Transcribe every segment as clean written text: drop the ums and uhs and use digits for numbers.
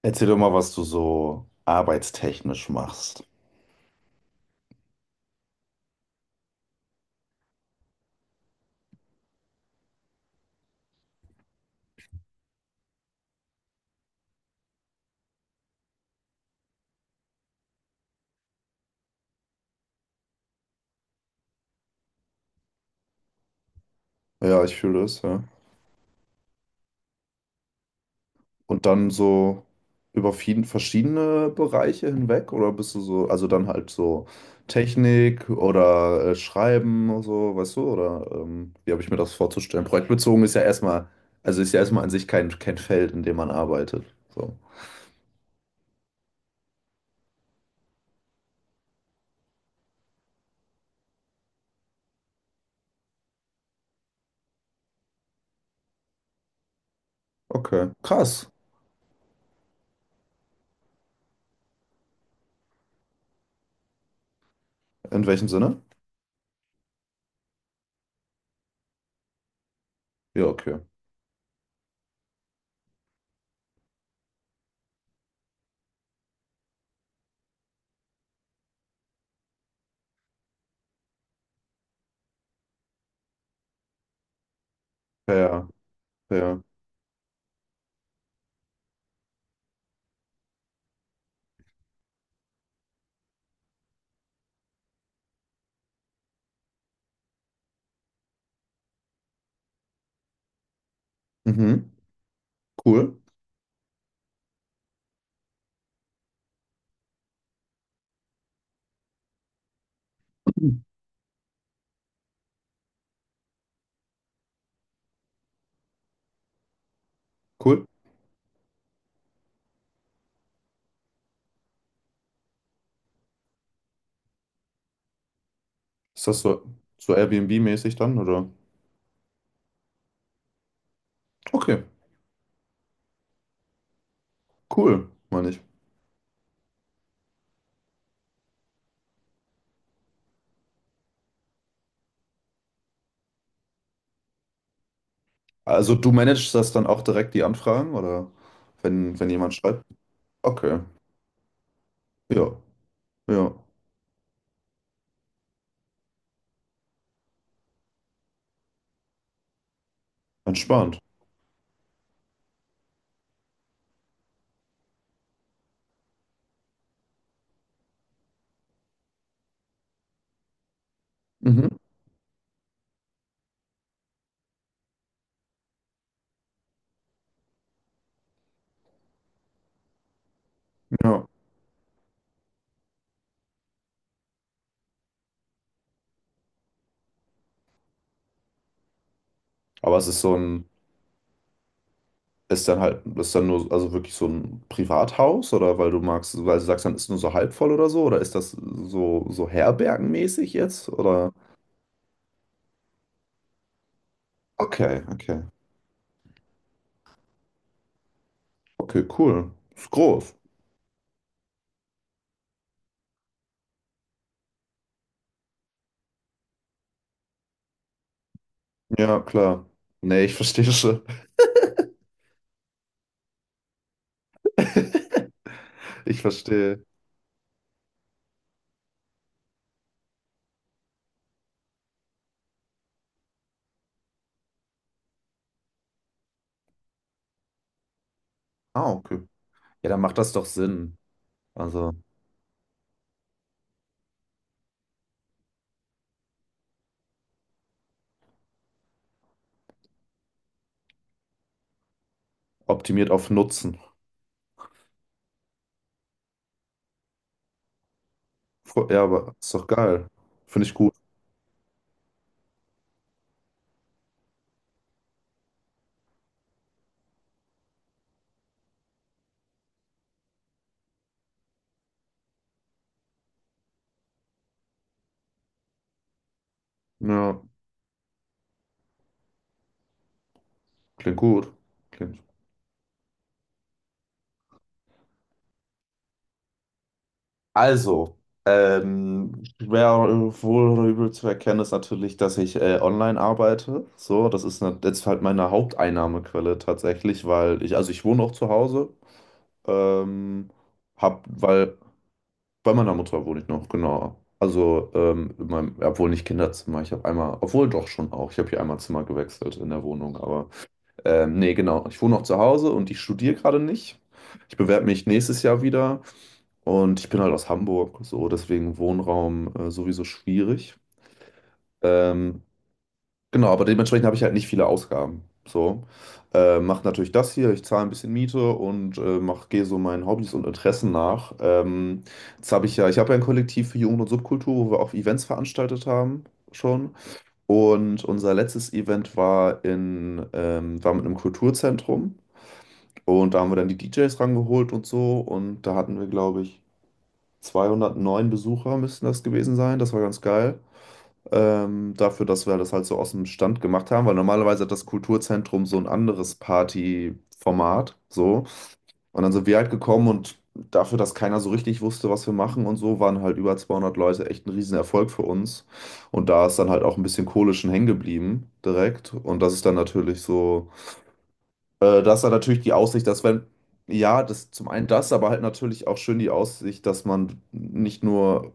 Erzähl doch mal, was du so arbeitstechnisch machst. Ja, ich fühle es, ja. Und dann so über verschiedene Bereiche hinweg oder bist du so, also dann halt so Technik oder Schreiben oder so, weißt du, oder wie habe ich mir das vorzustellen? Projektbezogen ist ja erstmal, also ist ja erstmal an sich kein Feld, in dem man arbeitet. So. Okay, krass. In welchem Sinne? Ja, okay. Ja, ja, ja. Mhm. Cool. Cool. Ist das so, Airbnb-mäßig dann, oder? Okay, cool, meine ich. Also du managst das dann auch direkt, die Anfragen, oder wenn jemand schreibt? Okay, ja, ja, entspannt. Mhm, ja. Aber es ist so ein, ist dann halt, ist dann nur, also wirklich so ein Privathaus, oder weil du magst, weil du sagst, dann ist nur so halb voll oder so, oder ist das so, herbergenmäßig jetzt, oder? Okay, okay, okay, cool. Ist groß. Ja, klar. Nee, ich verstehe schon. Ich verstehe. Ah, okay. Ja, dann macht das doch Sinn. Also optimiert auf Nutzen. Ja, aber ist doch geil. Finde ich gut. Ja, klingt gut. Klingt. Also, schwer wohl oder übel zu erkennen ist natürlich, dass ich online arbeite. So, das ist jetzt halt meine Haupteinnahmequelle tatsächlich, weil ich, also ich wohne auch zu Hause. Ähm, hab, weil Bei meiner Mutter wohne ich noch, genau. Also, in meinem, obwohl nicht Kinderzimmer. Ich habe einmal, obwohl doch schon auch. Ich habe hier einmal Zimmer gewechselt in der Wohnung. Aber nee, genau. Ich wohne noch zu Hause und ich studiere gerade nicht. Ich bewerbe mich nächstes Jahr wieder und ich bin halt aus Hamburg. So, deswegen Wohnraum sowieso schwierig. Ähm, Genau, aber dementsprechend habe ich halt nicht viele Ausgaben. So, mache natürlich das hier, ich zahle ein bisschen Miete und gehe so meinen Hobbys und Interessen nach. Jetzt habe ich ja, ich habe ja ein Kollektiv für Jugend und Subkultur, wo wir auch Events veranstaltet haben schon. Und unser letztes Event war war mit einem Kulturzentrum und da haben wir dann die DJs rangeholt und so und da hatten wir, glaube ich, 209 Besucher müssten das gewesen sein. Das war ganz geil. Dafür, dass wir das halt so aus dem Stand gemacht haben, weil normalerweise hat das Kulturzentrum so ein anderes Partyformat, so. Und dann sind wir halt gekommen und dafür, dass keiner so richtig wusste, was wir machen und so, waren halt über 200 Leute echt ein Riesenerfolg für uns. Und da ist dann halt auch ein bisschen Kohle schon hängen geblieben direkt. Und das ist dann natürlich so. Das war natürlich die Aussicht, dass wenn, ja, das zum einen das, aber halt natürlich auch schön die Aussicht, dass man nicht nur,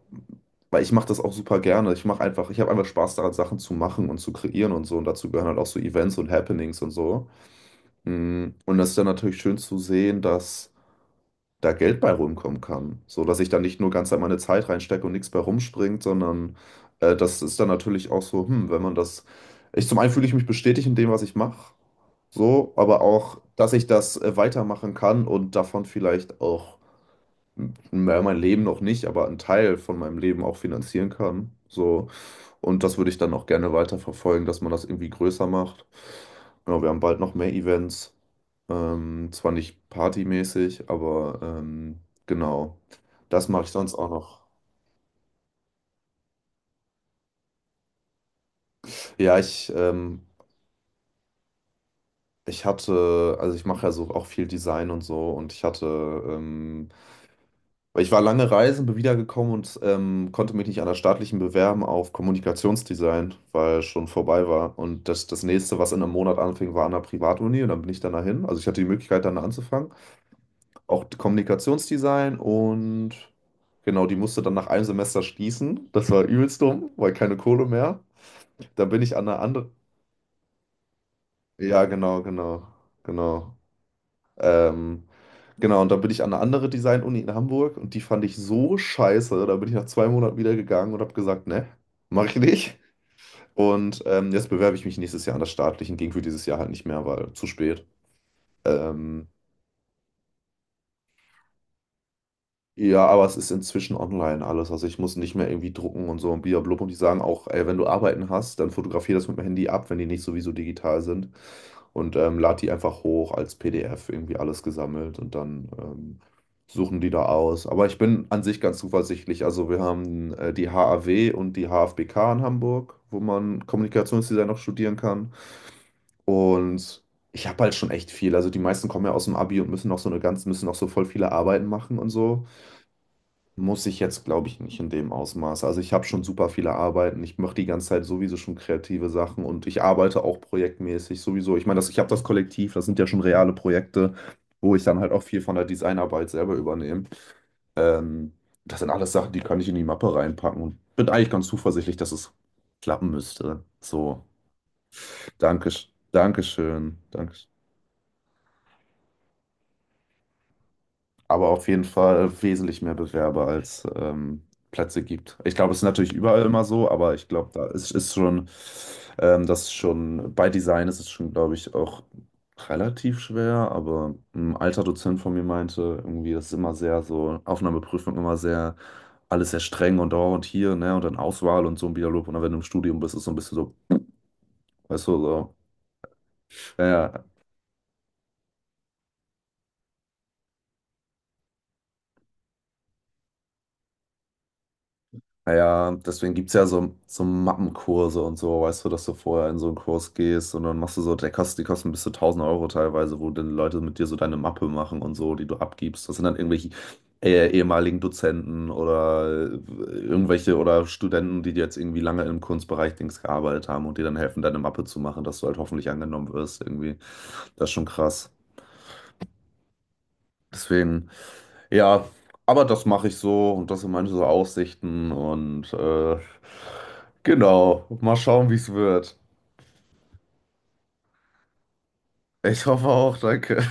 weil ich mache das auch super gerne. Ich mache einfach, ich habe einfach Spaß daran, Sachen zu machen und zu kreieren und so. Und dazu gehören halt auch so Events und Happenings und so. Und das ist dann natürlich schön zu sehen, dass da Geld bei rumkommen kann. So, dass ich da nicht nur ganz an meine Zeit reinstecke und nichts bei rumspringt, sondern das ist dann natürlich auch so, wenn man das. Ich zum einen fühle ich mich bestätigt in dem, was ich mache. So, aber auch, dass ich das weitermachen kann und davon vielleicht auch, naja, mein Leben noch nicht, aber einen Teil von meinem Leben auch finanzieren kann. So, und das würde ich dann auch gerne weiterverfolgen, dass man das irgendwie größer macht. Ja, wir haben bald noch mehr Events. Zwar nicht partymäßig, aber genau. Das mache ich sonst auch noch. Ja, ich, ähm, also ich mache ja so auch viel Design und so und ich hatte ähm, weil ich war lange reisen, bin wiedergekommen und konnte mich nicht an der staatlichen bewerben auf Kommunikationsdesign, weil schon vorbei war. Und das nächste, was in einem Monat anfing, war an der Privatuni und dann bin ich dann dahin. Also ich hatte die Möglichkeit, dann anzufangen. Auch Kommunikationsdesign und genau, die musste dann nach einem Semester schließen. Das war übelst dumm, weil keine Kohle mehr. Da bin ich an der anderen. Ja, genau, genau, genau. Ähm, genau, und dann bin ich an eine andere Design-Uni in Hamburg und die fand ich so scheiße. Da bin ich nach 2 Monaten wieder gegangen und habe gesagt, ne, mache ich nicht. Und jetzt bewerbe ich mich nächstes Jahr an das Staatliche. Ging für dieses Jahr halt nicht mehr, weil zu spät. Ähm, Ja, aber es ist inzwischen online alles. Also ich muss nicht mehr irgendwie drucken und so und blub. Und die sagen auch, ey, wenn du Arbeiten hast, dann fotografier das mit dem Handy ab, wenn die nicht sowieso digital sind. Und lad die einfach hoch als PDF, irgendwie alles gesammelt. Und dann suchen die da aus. Aber ich bin an sich ganz zuversichtlich. Also wir haben die HAW und die HFBK in Hamburg, wo man Kommunikationsdesign noch studieren kann. Und ich habe halt schon echt viel. Also die meisten kommen ja aus dem Abi und müssen noch so eine ganz, müssen noch so voll viele Arbeiten machen und so. Muss ich jetzt, glaube ich, nicht in dem Ausmaß. Also ich habe schon super viele Arbeiten. Ich mache die ganze Zeit sowieso schon kreative Sachen und ich arbeite auch projektmäßig sowieso. Ich meine, ich habe das Kollektiv, das sind ja schon reale Projekte, wo ich dann halt auch viel von der Designarbeit selber übernehme. Ähm, das sind alles Sachen, die kann ich in die Mappe reinpacken und bin eigentlich ganz zuversichtlich, dass es klappen müsste. So, danke, Dankeschön, danke. Aber auf jeden Fall wesentlich mehr Bewerber als Plätze gibt. Ich glaube, es ist natürlich überall immer so, aber ich glaube, da ist schon, das ist schon, bei Design ist es schon, glaube ich, auch relativ schwer, aber ein alter Dozent von mir meinte, irgendwie, das ist immer sehr so, Aufnahmeprüfung immer sehr, alles sehr streng und da und hier, ne, und dann Auswahl und so ein Dialog und dann, wenn du im Studium bist, ist so ein bisschen so, weißt du, so, ja, ja, ja, deswegen gibt es ja so, Mappenkurse und so, weißt du, dass du vorher in so einen Kurs gehst und dann machst du so, die kosten bis zu 1.000 Euro teilweise, wo dann Leute mit dir so deine Mappe machen und so, die du abgibst. Das sind dann irgendwelche ehemaligen Dozenten oder irgendwelche oder Studenten, die jetzt irgendwie lange im Kunstbereich Dings gearbeitet haben und dir dann helfen, deine Mappe zu machen, dass du halt hoffentlich angenommen wirst irgendwie. Das ist schon krass. Deswegen. Ja, aber das mache ich so und das sind meine so Aussichten und genau, mal schauen, wie es wird. Ich hoffe auch, danke.